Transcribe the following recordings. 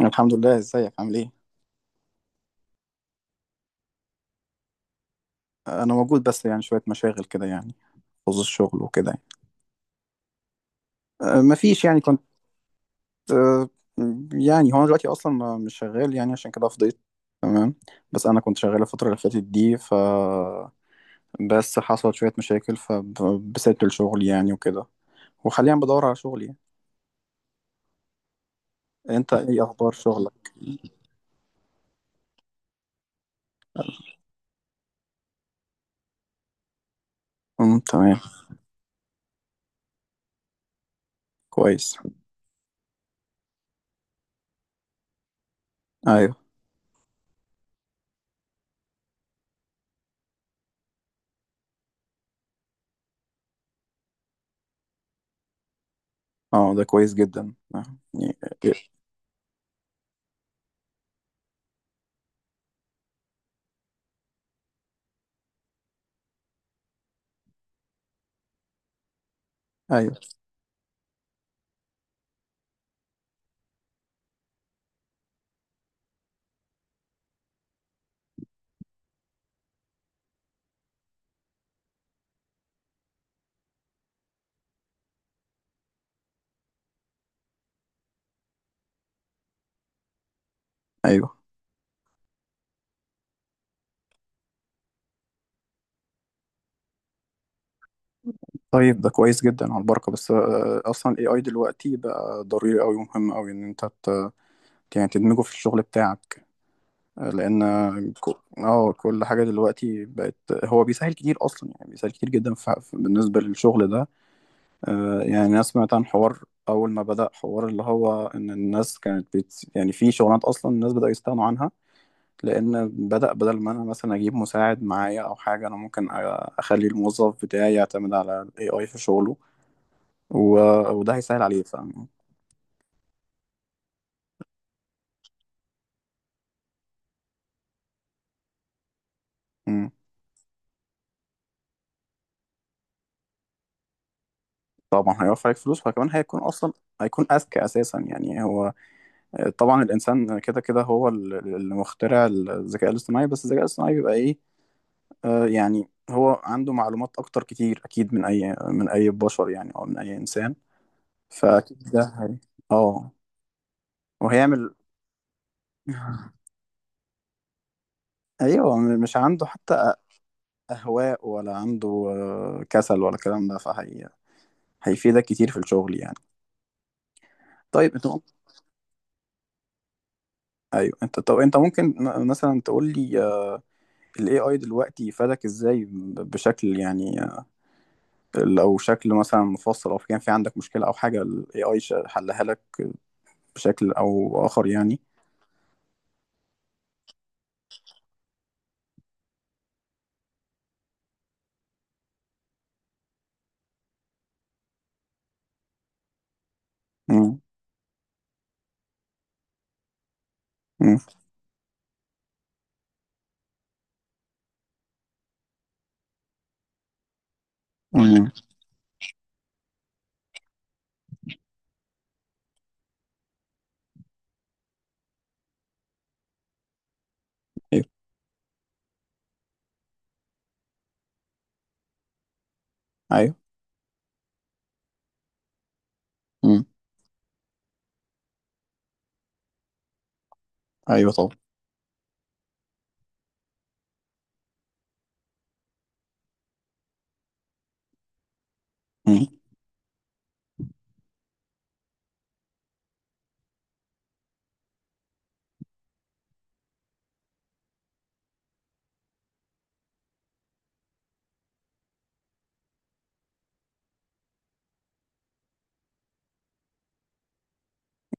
الحمد لله، ازيك عامل ايه؟ انا موجود، بس شويه مشاغل كده خصوص الشغل وكده مفيش، يعني كنت أه، يعني هو انا دلوقتي اصلا مش شغال، يعني عشان كده فضيت. تمام. بس انا كنت شغال الفتره اللي فاتت دي، بس حصلت شويه مشاكل فبسيبت الشغل وكده. وحاليا بدور على شغل انت ايه اخبار شغلك؟ امم، تمام. كويس. ايوه. اه ده كويس جدا. يعني- ايوه. ايوه. طيب ده كويس جدا على البركة. بس أصلا ال AI دلوقتي بقى ضروري أوي ومهم أوي إن يعني تدمجه في الشغل بتاعك. لأن كل حاجة دلوقتي بقت، هو بيسهل كتير أصلا، يعني بيسهل كتير جدا بالنسبة للشغل ده. يعني أنا سمعت عن حوار، أول ما بدأ حوار اللي هو إن الناس كانت يعني في شغلانات أصلا الناس بدأوا يستغنوا عنها. لأن بدأ بدل ما أنا مثلا أجيب مساعد معايا أو حاجة، أنا ممكن أخلي الموظف بتاعي يعتمد على ال AI في شغله. و... وده هيسهل عليه. مم. طبعا هيوفر عليك فلوس، وكمان هيكون اصلا، هيكون اذكى اساسا. يعني هو طبعا الانسان كده كده هو اللي مخترع الذكاء الاصطناعي، بس الذكاء الاصطناعي بيبقى ايه؟ آه، يعني هو عنده معلومات اكتر كتير، اكيد من اي من اي بشر، يعني او من اي انسان. فاكيد ده هي... اه وهيعمل. ايوه، مش عنده حتى اهواء، ولا عنده كسل، ولا الكلام ده. فهي هيفيدك كتير في الشغل يعني. طيب انت، ايوه انت، طب انت ممكن مثلا تقول لي، ال AI دلوقتي فادك ازاي بشكل يعني، لو شكل مثلا مفصل، او كان في عندك مشكلة او حاجة ال AI حلها لك بشكل او اخر يعني. امم. امم. امم. ايوه. ايوه. امم. ايوه. طبعا. امم.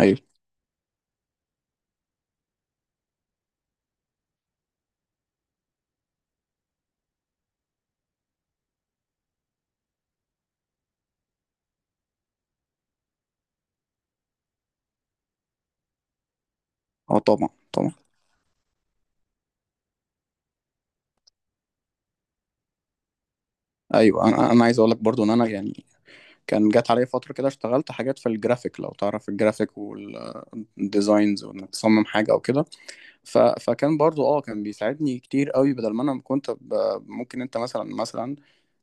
ايوه. اه، طبعا طبعا. ايوه. انا انا عايز اقول لك برضو ان انا يعني، كان جات عليا فترة كده اشتغلت حاجات في الجرافيك، لو تعرف الجرافيك والديزاينز وانك تصمم حاجة او كده. فكان برضو اه كان بيساعدني كتير قوي بدل ما انا ممكن انت مثلا،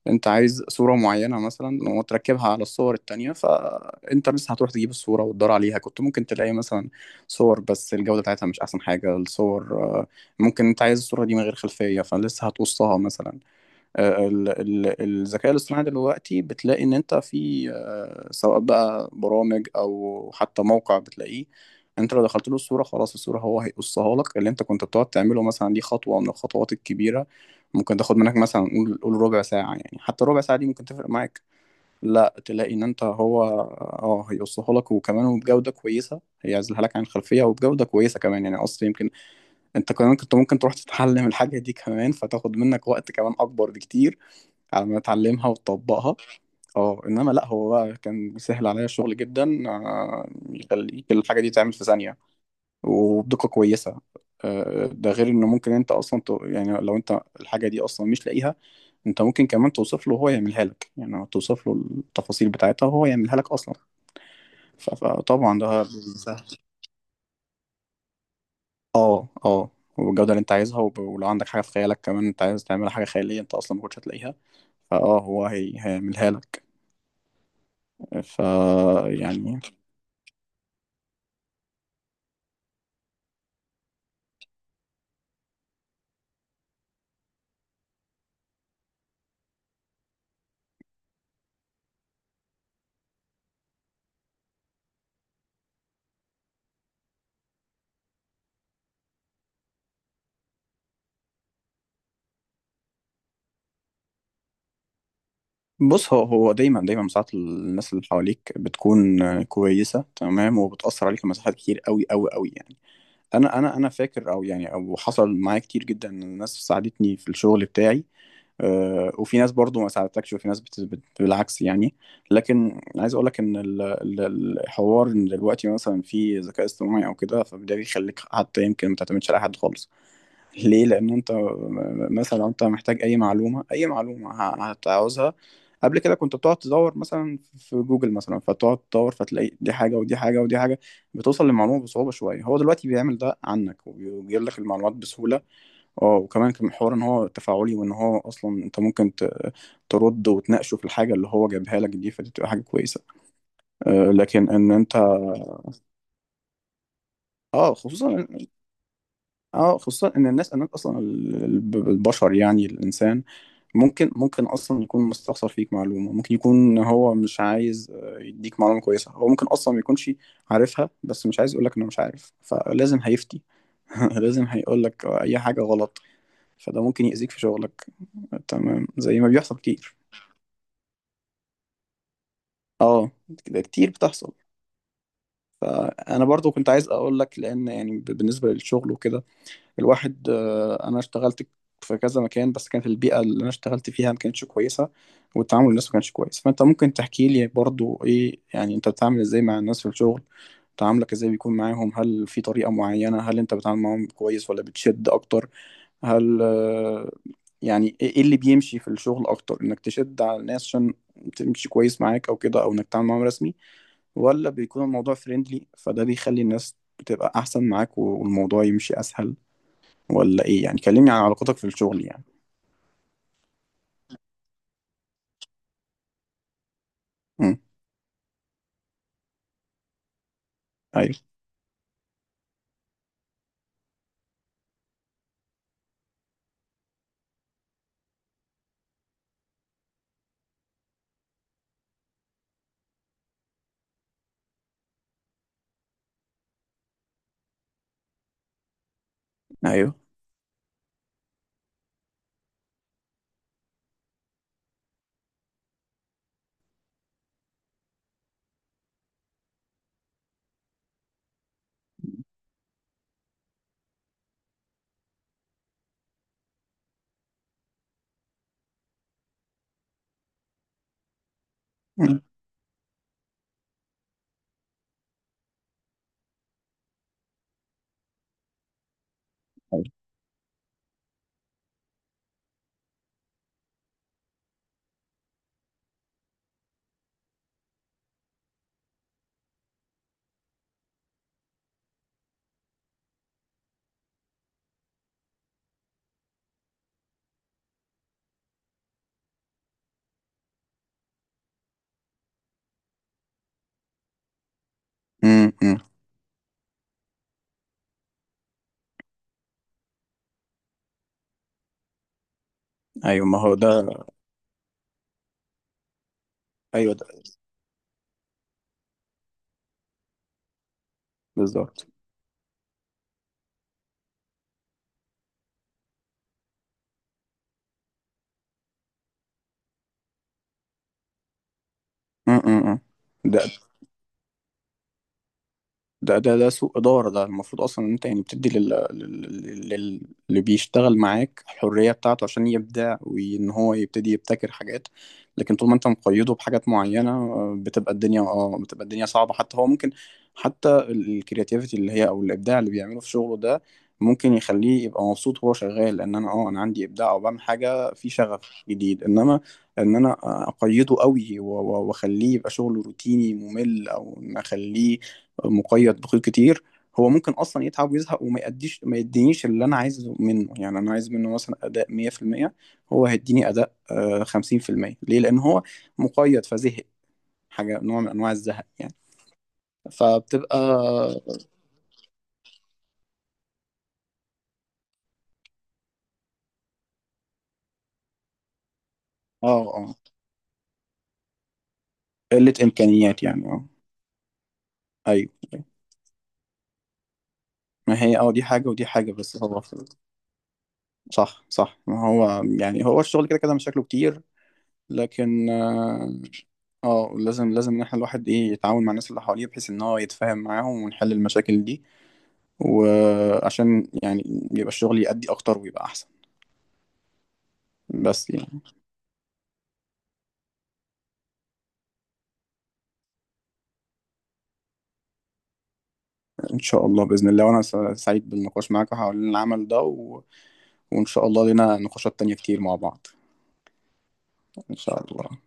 انت عايز صورة معينة مثلا وتركبها على الصور التانية، فانت بس هتروح تجيب الصورة وتدور عليها. كنت ممكن تلاقي مثلا صور بس الجودة بتاعتها مش احسن حاجة. الصور ممكن انت عايز الصورة دي من غير خلفية، فلسه هتقصها مثلا. الذكاء الاصطناعي دلوقتي بتلاقي ان انت في سواء بقى برامج او حتى موقع بتلاقيه، انت لو دخلت له الصورة، خلاص الصورة هو هيقصها لك. اللي انت كنت بتقعد تعمله مثلا دي خطوة من الخطوات الكبيرة، ممكن تاخد منك مثلا قول قول ربع ساعة، يعني حتى ربع ساعة دي ممكن تفرق معاك. لا، تلاقي ان انت هو اه هيقصها لك، وكمان وبجودة كويسة هيعزلها لك عن الخلفية وبجودة كويسة كمان، يعني اصلا يمكن انت كمان كنت ممكن تروح تتعلم الحاجة دي كمان، فتاخد منك وقت كمان اكبر بكتير على ما اتعلمها وتطبقها. اه انما لا، هو بقى كان بيسهل عليا الشغل جدا. يخليك الحاجه دي تعمل في ثانيه وبدقه كويسه. ده غير انه ممكن انت اصلا يعني لو انت الحاجه دي اصلا مش لاقيها، انت ممكن كمان توصف له وهو يعملها لك، يعني توصف له التفاصيل بتاعتها وهو يعملها لك اصلا. فطبعا ده سهل. اه اه. والجوده اللي انت عايزها، ولو عندك حاجه في خيالك كمان، انت عايز تعمل حاجه خياليه انت اصلا ما كنتش هتلاقيها، فاه هيعملها لك. ف يعني بص، هو هو دايما ساعات الناس اللي حواليك بتكون كويسه تمام، وبتاثر عليك في مساحات كتير قوي قوي قوي يعني. انا فاكر، او يعني او حصل معايا كتير جدا ان الناس ساعدتني في الشغل بتاعي. وفي ناس برضو ما ساعدتكش، وفي ناس بالعكس يعني. لكن عايز اقول لك ان الحوار ان دلوقتي مثلا في ذكاء اصطناعي او كده، فده بيخليك حتى يمكن ما تعتمدش على حد خالص. ليه؟ لأن أنت مثلا لو أنت محتاج أي معلومة، أي معلومة هتعوزها قبل كده كنت بتقعد تدور مثلا في جوجل مثلا، فتقعد تدور فتلاقي دي حاجة ودي حاجة ودي حاجة، بتوصل للمعلومة بصعوبة شوية. هو دلوقتي بيعمل ده عنك وبيجيب لك المعلومات بسهولة. اه وكمان كان حوار إن هو تفاعلي، وإن هو أصلا أنت ممكن ترد وتناقشه في الحاجة اللي هو جايبها لك دي، فدي بتبقى حاجة كويسة. آه، لكن إن أنت اه خصوصا، اه خصوصا ان الناس، الناس اصلا البشر يعني الانسان، ممكن اصلا يكون مستخسر فيك معلومه، ممكن يكون هو مش عايز يديك معلومه كويسه، هو ممكن اصلا ما يكونش عارفها بس مش عايز يقولك انه مش عارف، فلازم هيفتي. لازم هيقولك اي حاجه غلط. فده ممكن يأذيك في شغلك. تمام، زي ما بيحصل كتير. اه، كده كتير بتحصل. انا برضو كنت عايز اقولك لان يعني بالنسبه للشغل وكده، الواحد انا اشتغلت في كذا مكان، بس كانت البيئه اللي انا اشتغلت فيها ما كانتش كويسه، والتعامل الناس ما كانش كويس. فانت ممكن تحكي لي برضو ايه، يعني انت بتتعامل ازاي مع الناس في الشغل؟ تعاملك ازاي بيكون معاهم؟ هل في طريقه معينه؟ هل انت بتتعامل معاهم كويس ولا بتشد اكتر؟ هل يعني ايه، إيه اللي بيمشي في الشغل اكتر، انك تشد على الناس عشان تمشي كويس معاك او كده، او انك تتعامل معاهم رسمي، ولا بيكون الموضوع فريندلي فده بيخلي الناس بتبقى احسن معاك والموضوع يمشي اسهل، ولا ايه يعني؟ كلمني عن علاقتك في الشغل يعني. امم. ايوه. ايوه. امم. ايوه. أمم، أمم. أيوة، ما هو ده. ايوه ده. بالظبط. امم. أمم، أمم. ده ده سوء إدارة. ده المفروض أصلا إن أنت يعني بتدي لل... اللي بيشتغل معاك الحرية بتاعته عشان يبدع، وإن هو يبتدي يبتكر حاجات. لكن طول ما أنت مقيده بحاجات معينة بتبقى الدنيا اه بتبقى الدنيا صعبة. حتى هو ممكن، حتى الكرياتيفيتي اللي هي أو الإبداع اللي بيعمله في شغله ده، ممكن يخليه يبقى مبسوط وهو شغال إن أنا عندي إبداع أو بعمل حاجة في شغف جديد. إنما إن أنا أقيده قوي وأخليه يبقى شغله روتيني ممل، أو إن أخليه مقيد بخيوط كتير، هو ممكن اصلا يتعب ويزهق، وما يأديش ما يدينيش اللي انا عايزه منه. يعني انا عايز منه مثلا اداء 100%، هو هيديني اداء 50%. ليه؟ لان هو مقيد فزهق، حاجه نوع من انواع الزهق يعني. فبتبقى اه قله امكانيات يعني اه. ايوه. أيوة. ما هي اه دي حاجه ودي حاجه، بس هو صح، ما هو يعني هو الشغل كده كده مشاكله كتير. لكن لازم، لازم ان احنا الواحد ايه يتعاون مع الناس اللي حواليه، بحيث ان هو يتفاهم معاهم ونحل المشاكل دي، وعشان يبقى الشغل يأدي اكتر ويبقى احسن. بس يعني، ان شاء الله بإذن الله. وانا سعيد بالنقاش معاك حول العمل ده وان شاء الله لنا نقاشات تانية كتير مع بعض. ان شاء الله.